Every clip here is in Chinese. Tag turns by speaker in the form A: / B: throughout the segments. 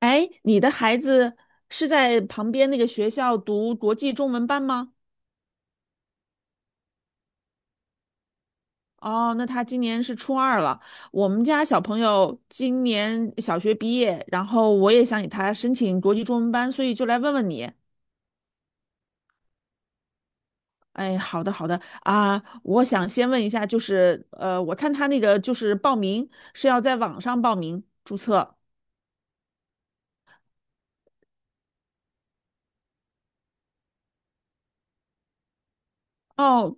A: 哎，你的孩子是在旁边那个学校读国际中文班吗？哦，那他今年是初二了。我们家小朋友今年小学毕业，然后我也想给他申请国际中文班，所以就来问问你。哎，好的，好的啊，我想先问一下，就是我看他那个就是报名是要在网上报名注册。哦，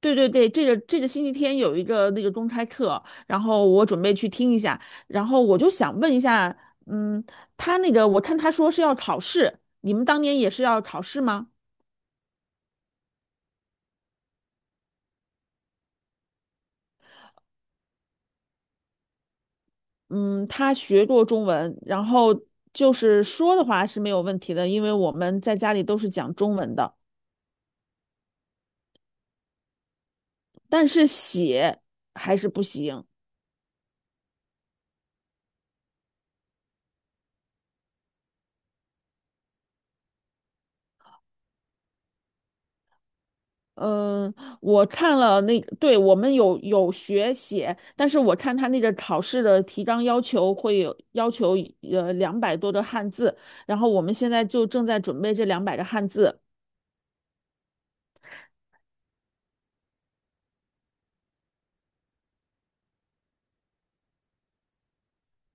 A: 对对对，这个星期天有一个那个公开课，然后我准备去听一下，然后我就想问一下，嗯，他那个我看他说是要考试，你们当年也是要考试吗？嗯，他学过中文，然后就是说的话是没有问题的，因为我们在家里都是讲中文的，但是写还是不行。嗯，我看了那个对，我们有学写，但是我看他那个考试的题纲要求要求200多的汉字，然后我们现在就正在准备这200个汉字。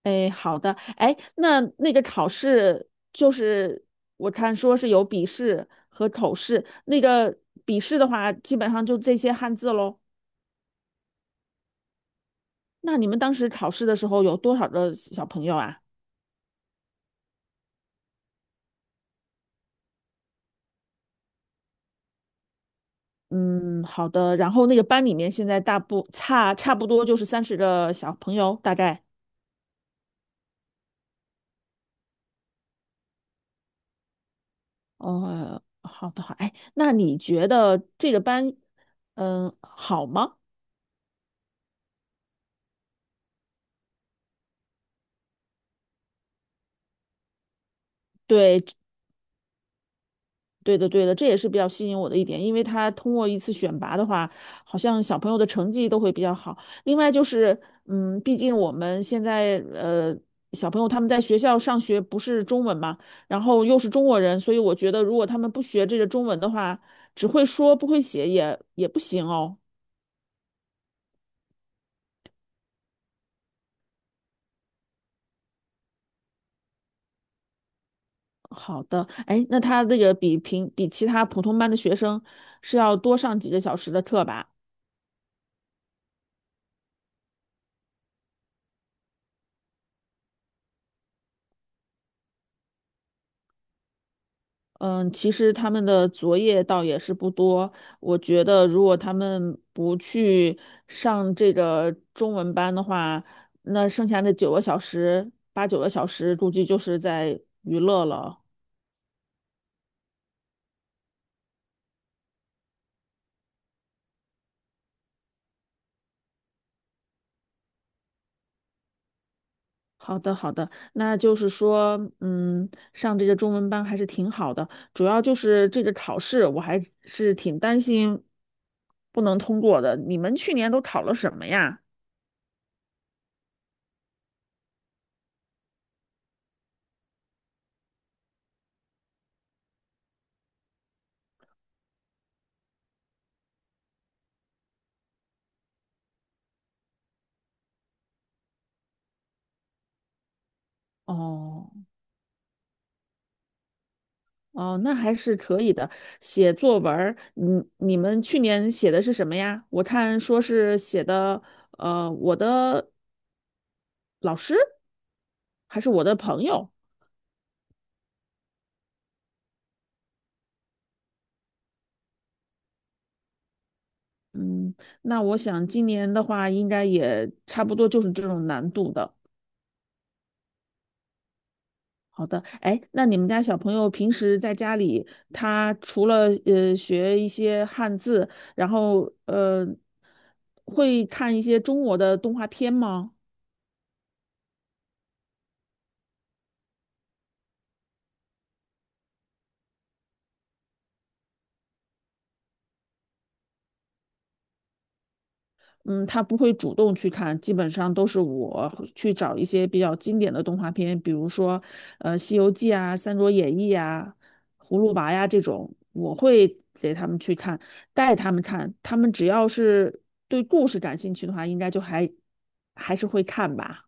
A: 哎，好的，哎，那那个考试就是我看说是有笔试和口试，那个笔试的话基本上就这些汉字喽。那你们当时考试的时候有多少个小朋友啊？嗯，好的。然后那个班里面现在大部差差不多就是30个小朋友，大概。哦，好的好。哎，那你觉得这个班，嗯，好吗？对，对的，对的，这也是比较吸引我的一点，因为他通过一次选拔的话，好像小朋友的成绩都会比较好。另外就是，嗯，毕竟我们现在小朋友他们在学校上学不是中文嘛，然后又是中国人，所以我觉得如果他们不学这个中文的话，只会说不会写也不行哦。好的，哎，那他这个比其他普通班的学生是要多上几个小时的课吧？嗯，其实他们的作业倒也是不多。我觉得，如果他们不去上这个中文班的话，那剩下的九个小时，8、9个小时，估计就是在娱乐了。好的，好的，那就是说，嗯，上这个中文班还是挺好的。主要就是这个考试，我还是挺担心不能通过的。你们去年都考了什么呀？哦。哦，那还是可以的。写作文儿，你们去年写的是什么呀？我看说是写的，呃，我的老师还是我的朋友。嗯，那我想今年的话，应该也差不多就是这种难度的。好的，哎，那你们家小朋友平时在家里，他除了学一些汉字，然后会看一些中国的动画片吗？嗯，他不会主动去看，基本上都是我去找一些比较经典的动画片，比如说《西游记》啊、《三国演义》啊、《葫芦娃》呀这种，我会给他们去看，带他们看，他们只要是对故事感兴趣的话，应该就还是会看吧。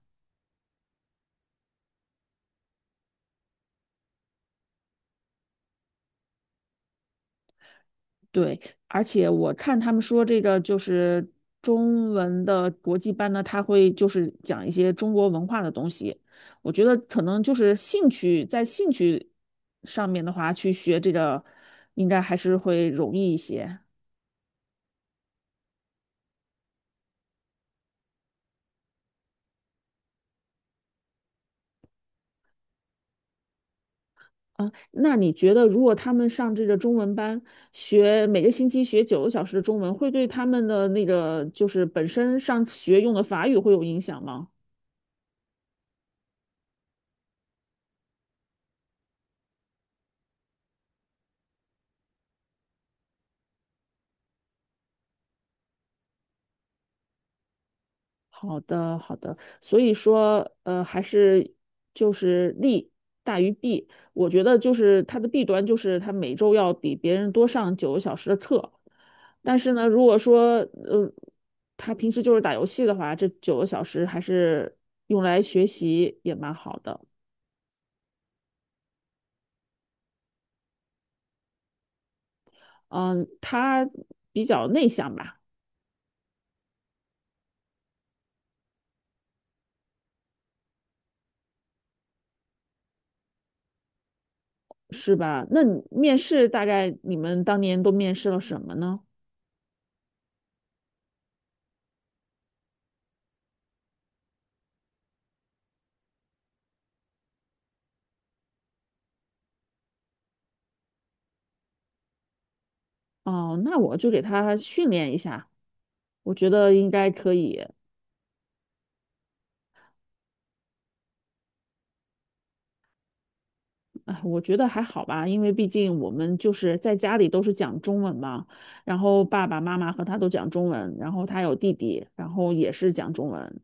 A: 对，而且我看他们说这个就是中文的国际班呢，他会就是讲一些中国文化的东西。我觉得可能就是兴趣，在兴趣上面的话，去学这个应该还是会容易一些啊。那你觉得，如果他们上这个中文班，每个星期学九个小时的中文，会对他们的那个就是本身上学用的法语会有影响吗？好的，好的。所以说，还是就是大于弊。我觉得就是它的弊端就是它每周要比别人多上九个小时的课，但是呢，如果说呃，他平时就是打游戏的话，这九个小时还是用来学习也蛮好的。嗯，他比较内向吧，是吧？那你面试大概你们当年都面试了什么呢？哦，那我就给他训练一下。我觉得应该可以，哎，我觉得还好吧，因为毕竟我们就是在家里都是讲中文嘛，然后爸爸妈妈和他都讲中文，然后他有弟弟，然后也是讲中文，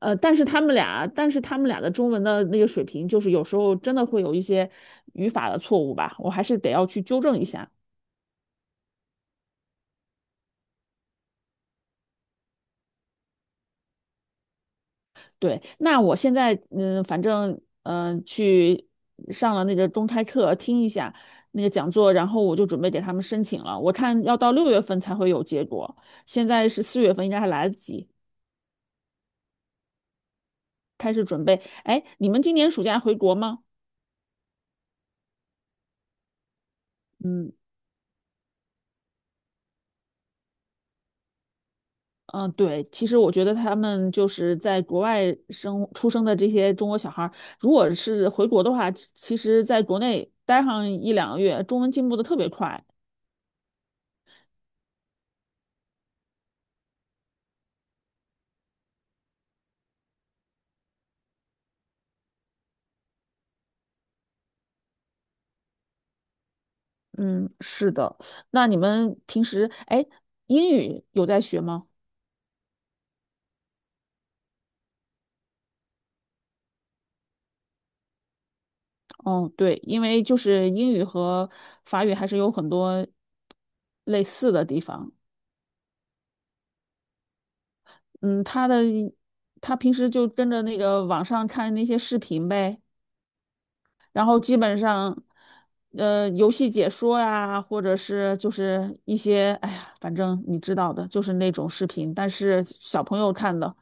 A: 但是他们俩的中文的那个水平，就是有时候真的会有一些语法的错误吧，我还是得要去纠正一下。对，那我现在嗯，反正去上了那个公开课，听一下那个讲座，然后我就准备给他们申请了。我看要到6月份才会有结果，现在是4月份，应该还来得及开始准备。哎，你们今年暑假回国吗？嗯对，其实我觉得他们就是在国外出生的这些中国小孩儿，如果是回国的话，其实在国内待上1、2个月，中文进步的特别快。嗯，是的。那你们平时，哎，英语有在学吗？哦，对，因为就是英语和法语还是有很多类似的地方。嗯，他平时就跟着那个网上看那些视频呗，然后基本上，呃，游戏解说呀，或者是就是一些，哎呀，反正你知道的，就是那种视频，但是小朋友看的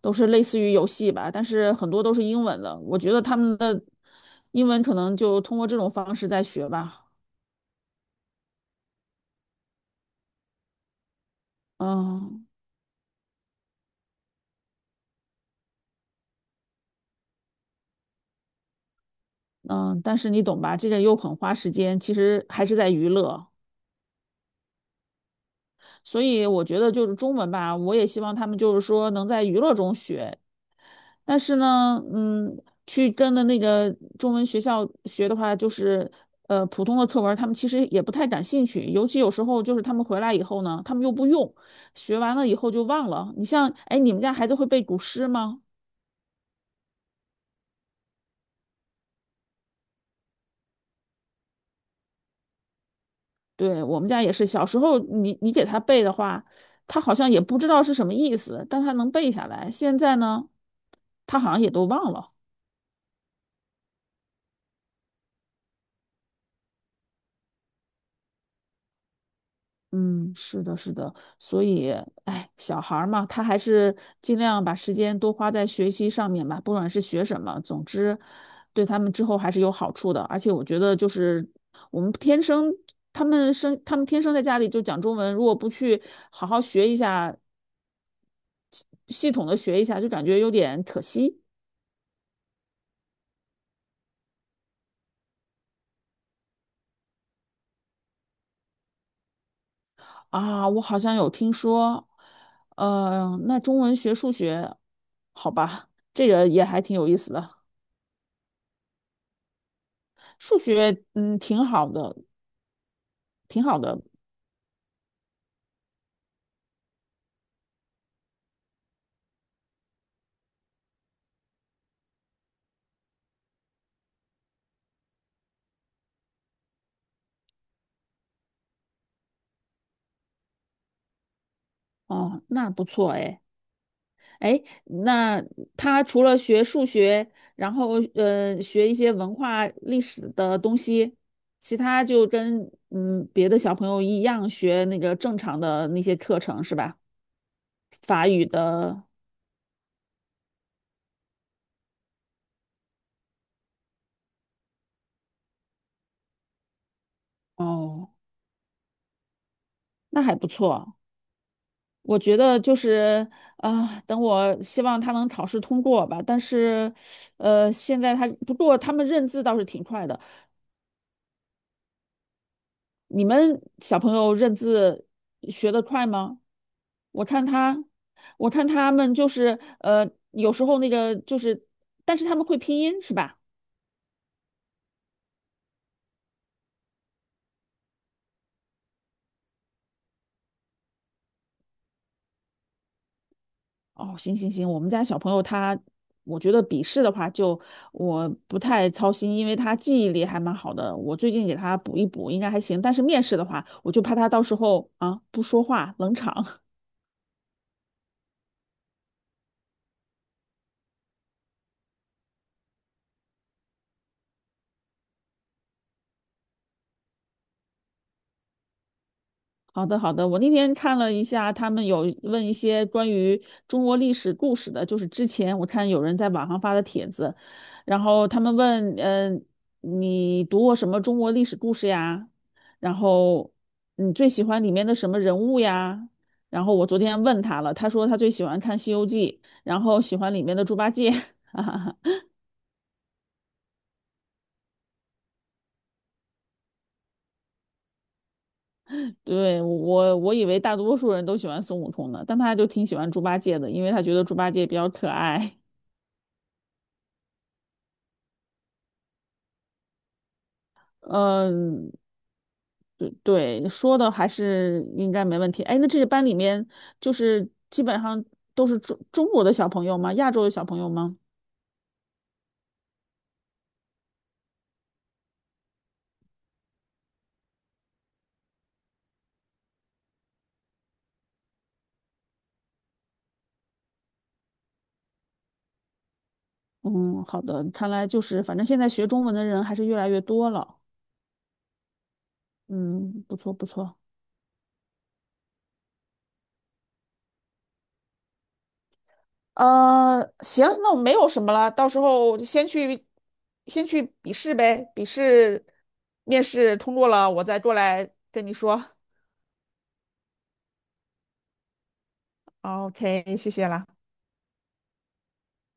A: 都是类似于游戏吧，但是很多都是英文的，我觉得他们的英文可能就通过这种方式在学吧，嗯嗯，但是你懂吧，这个又很花时间，其实还是在娱乐。所以我觉得就是中文吧，我也希望他们就是说能在娱乐中学，但是呢，嗯，去跟的那个中文学校学的话，就是普通的课文他们其实也不太感兴趣。尤其有时候就是他们回来以后呢，他们又不用，学完了以后就忘了。你像，哎，你们家孩子会背古诗吗？对，我们家也是，小时候你给他背的话，他好像也不知道是什么意思，但他能背下来。现在呢，他好像也都忘了。嗯，是的，是的，所以，哎，小孩儿嘛，他还是尽量把时间多花在学习上面吧，不管是学什么，总之，对他们之后还是有好处的。而且我觉得，就是我们天生，他们生，他们天生在家里就讲中文，如果不去好好学一下，系统的学一下，就感觉有点可惜啊。我好像有听说，嗯，那中文学数学，好吧，这个也还挺有意思的。数学挺好的，挺好的哦，那不错哎哎，那他除了学数学，然后学一些文化历史的东西，其他就跟别的小朋友一样学那个正常的那些课程是吧？法语的哦，那还不错。我觉得就是我希望他能考试通过吧。但是，现在他他们认字倒是挺快的。你们小朋友认字学得快吗？我看他，我看他们就是有时候那个就是，但是他们会拼音是吧？哦，行行行，我们家小朋友他，我觉得笔试的话就我不太操心，因为他记忆力还蛮好的，我最近给他补一补，应该还行。但是面试的话，我就怕他到时候啊不说话冷场。好的，好的。我那天看了一下，他们有问一些关于中国历史故事的，就是之前我看有人在网上发的帖子，然后他们问，你读过什么中国历史故事呀？然后你最喜欢里面的什么人物呀？然后我昨天问他了，他说他最喜欢看《西游记》，然后喜欢里面的猪八戒。哈哈哈，对，我以为大多数人都喜欢孙悟空呢，但他就挺喜欢猪八戒的，因为他觉得猪八戒比较可爱。嗯，对对，说的还是应该没问题。哎，那这个班里面就是基本上都是中国的小朋友吗？亚洲的小朋友吗？嗯，好的，看来就是反正现在学中文的人还是越来越多了。嗯，不错不错。呃，行，那我没有什么了，到时候就先去，先去笔试呗，笔试面试通过了，我再过来跟你说。OK，谢谢啦。